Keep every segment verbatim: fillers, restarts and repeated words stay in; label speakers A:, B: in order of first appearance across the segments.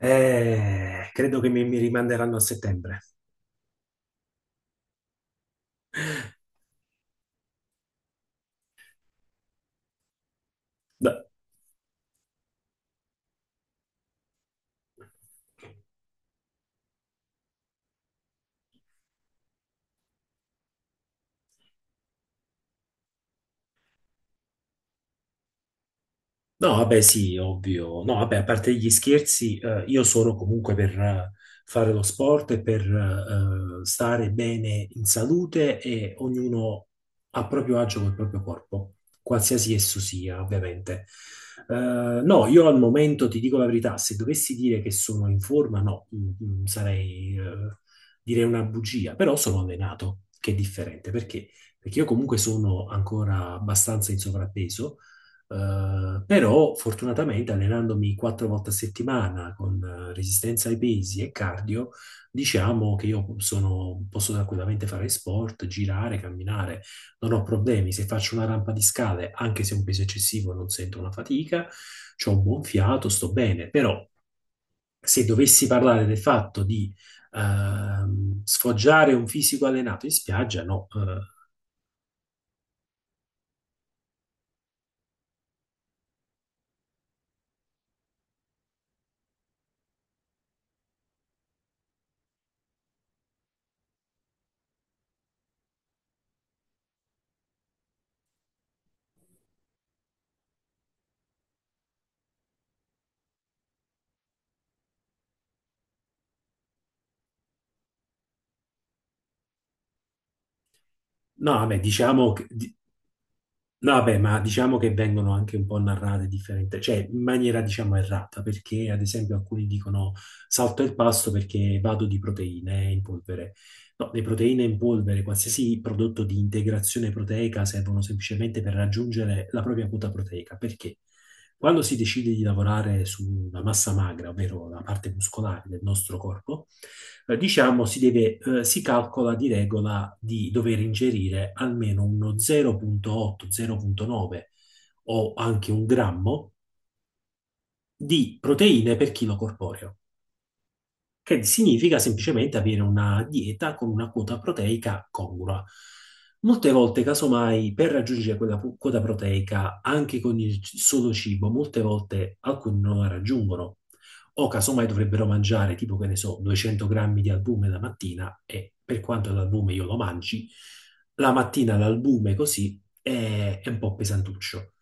A: Eh, credo che mi, mi rimanderanno a settembre. No, no, vabbè, sì, ovvio. No, vabbè, a parte gli scherzi, eh, io sono comunque per eh, fare lo sport e per eh, stare bene in salute e ognuno a proprio agio col proprio corpo, qualsiasi esso sia, ovviamente. Eh, no, io al momento ti dico la verità. Se dovessi dire che sono in forma, no, mm, mm, sarei, eh, direi una bugia, però sono allenato, che è differente. Perché? Perché io comunque sono ancora abbastanza in sovrappeso, eh, però fortunatamente allenandomi quattro volte a settimana con eh, resistenza ai pesi e cardio, diciamo che io sono- posso tranquillamente fare sport, girare, camminare, non ho problemi. Se faccio una rampa di scale, anche se è un peso eccessivo, non sento una fatica, ho un buon fiato, sto bene. Però se dovessi parlare del fatto di ehm, sfoggiare un fisico allenato in spiaggia, no. eh, no, vabbè, diciamo che, di- No, vabbè, ma diciamo che vengono anche un po' narrate differenti, cioè in maniera diciamo errata, perché ad esempio alcuni dicono: salto il pasto perché vado di proteine in polvere. No, le proteine in polvere, qualsiasi prodotto di integrazione proteica, servono semplicemente per raggiungere la propria quota proteica, perché quando si decide di lavorare sulla massa magra, ovvero la parte muscolare del nostro corpo, eh, diciamo si deve, eh, si calcola di regola di dover ingerire almeno uno zero virgola otto, zero virgola nove o anche un grammo di proteine per chilo corporeo, che significa semplicemente avere una dieta con una quota proteica congrua. Molte volte, casomai, per raggiungere quella pu- quota proteica anche con il c- solo cibo, molte volte alcuni non la raggiungono. O casomai dovrebbero mangiare, tipo, che ne so, duecento grammi di albume la mattina, e per quanto l'albume io lo mangi, la mattina l'albume così è, è un po' pesantuccio.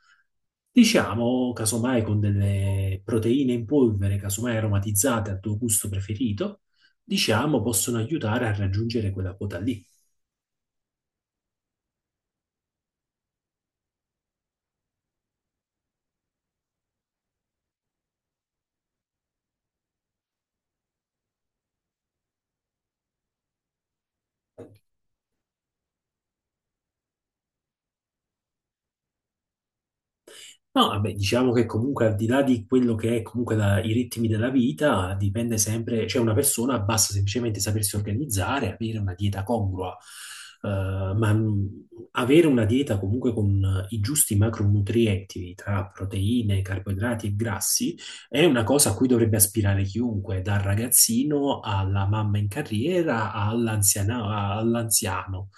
A: Diciamo, casomai con delle proteine in polvere, casomai aromatizzate al tuo gusto preferito, diciamo, possono aiutare a raggiungere quella quota lì. No, vabbè, diciamo che comunque, al di là di quello che è comunque la- i ritmi della vita, dipende sempre. Cioè, una persona basta semplicemente sapersi organizzare, avere una dieta congrua, eh, ma mh, avere una dieta comunque con eh, i giusti macronutrienti tra proteine, carboidrati e grassi è una cosa a cui dovrebbe aspirare chiunque, dal ragazzino alla mamma in carriera all'anziana- all'anziano.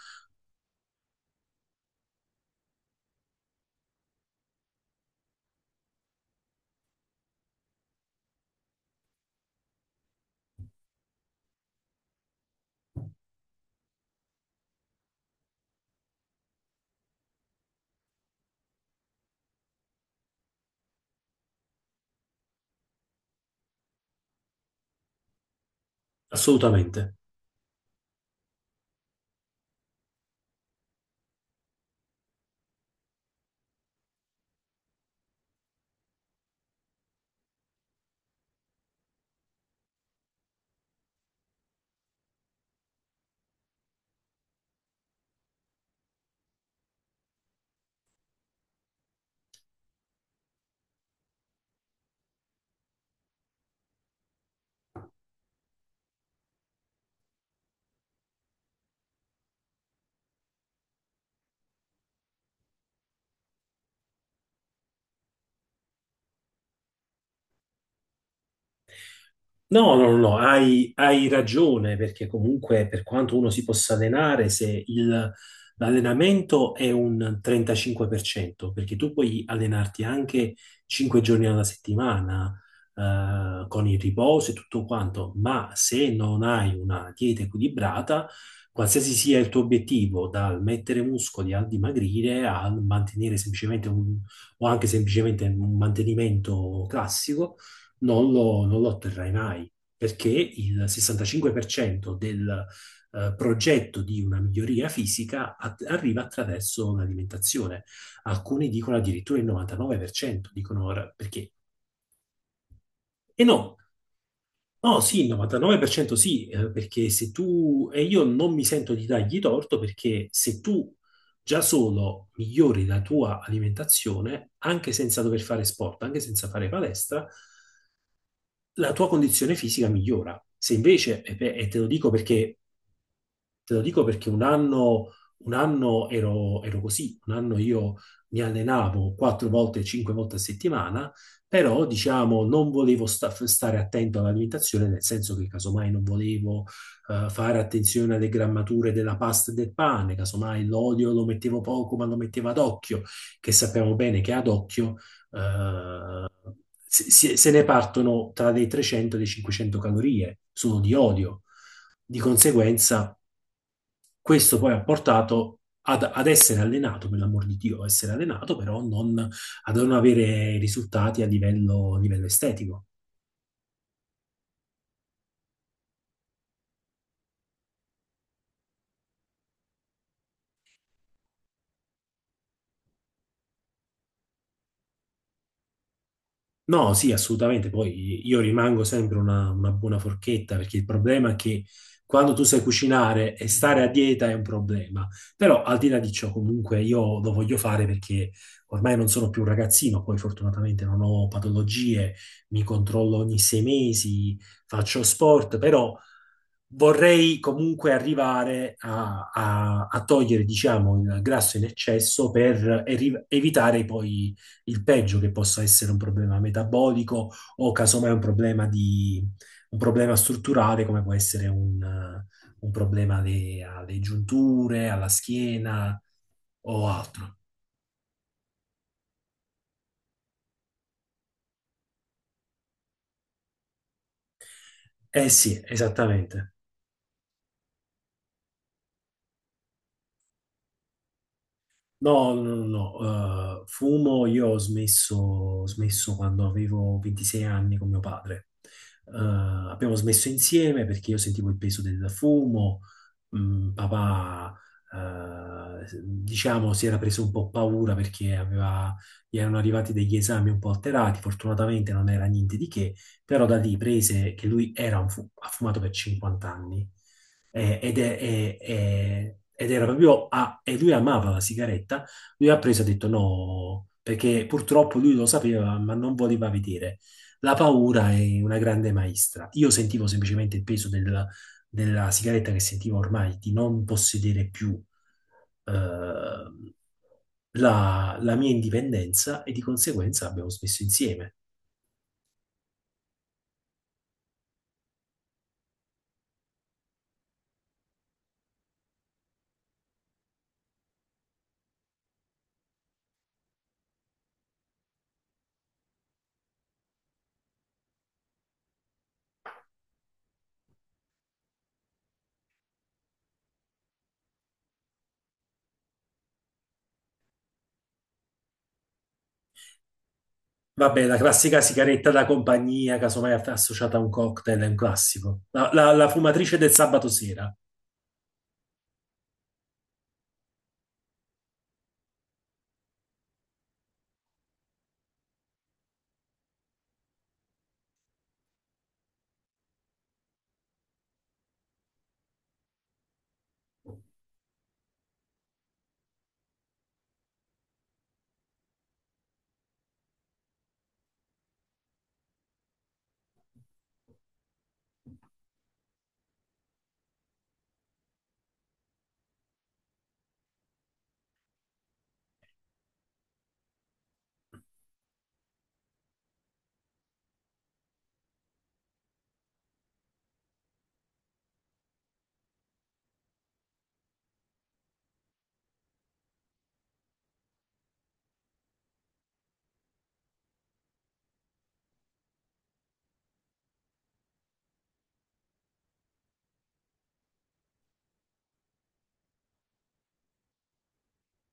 A: Assolutamente. No, no, no, no, hai, hai ragione, perché comunque, per quanto uno si possa allenare, se il- l'allenamento è un trentacinque per cento, perché tu puoi allenarti anche cinque giorni alla settimana, eh, con il riposo e tutto quanto, ma se non hai una dieta equilibrata, qualsiasi sia il tuo obiettivo, dal mettere muscoli al dimagrire, al mantenere semplicemente un, o anche semplicemente un mantenimento classico, non lo, non lo otterrai mai, perché il sessantacinque per cento del eh, progetto di una miglioria fisica at- arriva attraverso l'alimentazione. Alcuni dicono addirittura il novantanove per cento, dicono ora perché. E no, no, sì, il novantanove per cento, sì, eh, perché se tu, e io non mi sento di dargli torto, perché se tu già solo migliori la tua alimentazione, anche senza dover fare sport, anche senza fare palestra, la tua condizione fisica migliora. Se invece, e te lo dico perché... Te lo dico perché un anno, un anno ero, ero così, un anno io mi allenavo quattro volte, cinque volte a settimana, però diciamo non volevo sta- stare attento all'alimentazione, nel senso che casomai non volevo eh, fare attenzione alle grammature della pasta e del pane, casomai l'olio lo mettevo poco ma lo mettevo ad occhio, che sappiamo bene che ad occhio eh, se, se- se ne partono tra le trecento e le cinquecento calorie solo di olio. Di conseguenza, questo poi ha portato ad, ad essere allenato, per l'amor di Dio, essere allenato, però non, a non avere risultati a livello, a livello, estetico. No, sì, assolutamente. Poi io rimango sempre una, una buona forchetta, perché il problema è che quando tu sai cucinare e stare a dieta è un problema. Però, al di là di ciò, comunque io lo voglio fare perché ormai non sono più un ragazzino, poi fortunatamente non ho patologie, mi controllo ogni sei mesi, faccio sport, però vorrei comunque arrivare a, a- a togliere, diciamo, il grasso in eccesso per eri- evitare poi il peggio, che possa essere un problema metabolico o casomai un problema di, un problema strutturale, come può essere un, eh, un problema alle, alle giunture, alla schiena o altro. Eh sì, esattamente. No, no, no, no, no. Eh, fumo, io ho smesso, ho smesso quando avevo ventisei anni con mio padre. Eh, abbiamo smesso insieme perché io sentivo il peso del fumo. Mm, papà, eh, diciamo, si era preso un po' paura perché aveva- gli erano arrivati degli esami un po' alterati, fortunatamente non era niente di che, però da lì prese, che lui era un fu- ha fumato per cinquanta anni. Eh, ed, è- è- è- Ed era proprio a, e lui amava la sigaretta. Lui ha preso e ha detto no, perché purtroppo lui lo sapeva, ma non voleva vedere. La paura è una grande maestra. Io sentivo semplicemente il peso del- della sigaretta, che sentivo ormai di non possedere più, eh, la, la mia indipendenza, e di conseguenza abbiamo smesso insieme. Vabbè, la classica sigaretta da compagnia, casomai aff- associata a un cocktail, è un classico. La, la- la fumatrice del sabato sera.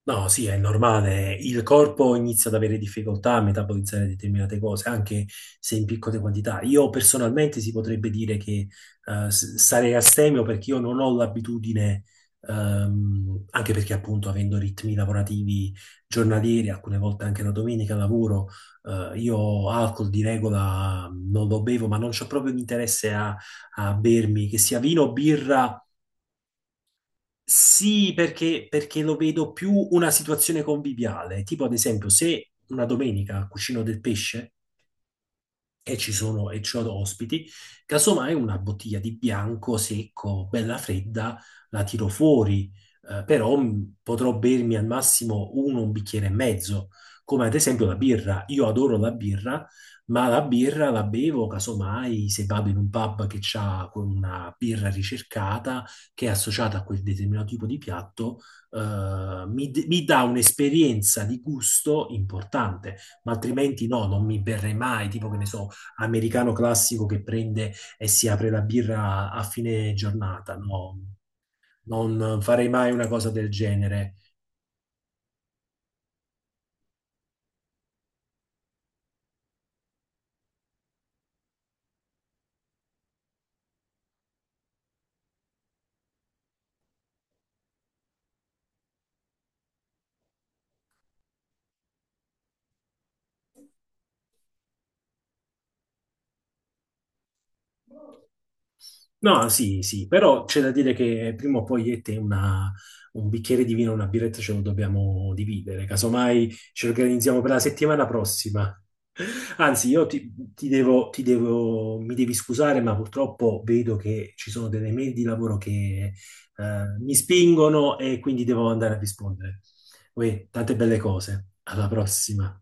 A: No, sì, è normale. Il corpo inizia ad avere difficoltà a metabolizzare determinate cose, anche se in piccole quantità. Io personalmente si potrebbe dire che eh, s- sarei astemio perché io non ho l'abitudine, ehm, anche perché, appunto, avendo ritmi lavorativi giornalieri, alcune volte anche la domenica lavoro, eh, io alcol di regola non lo bevo, ma non c'ho proprio l'interesse a, a bermi, che sia vino o birra. Sì, perché, perché lo vedo più una situazione conviviale, tipo ad esempio, se una domenica cucino del pesce e ci sono e c'ho ospiti, casomai una bottiglia di bianco secco, bella fredda, la tiro fuori, eh, però mh, potrò bermi al massimo uno, un bicchiere e mezzo, come ad esempio la birra. Io adoro la birra, ma la birra la bevo casomai se vado in un pub che ha una birra ricercata, che è associata a quel determinato tipo di piatto, eh, mi, d- mi dà un'esperienza di gusto importante, ma altrimenti no, non mi berrei mai, tipo, che ne so, americano classico che prende e si apre la birra a fine giornata, no? Non farei mai una cosa del genere. No, sì, sì, però c'è da dire che prima o poi io e te una- un bicchiere di vino, una birretta ce lo dobbiamo dividere, casomai ci organizziamo per la settimana prossima. Anzi, io ti, ti devo, ti devo- mi devi scusare, ma purtroppo vedo che ci sono delle mail di lavoro che eh, mi spingono e quindi devo andare a rispondere. Uè, tante belle cose. Alla prossima.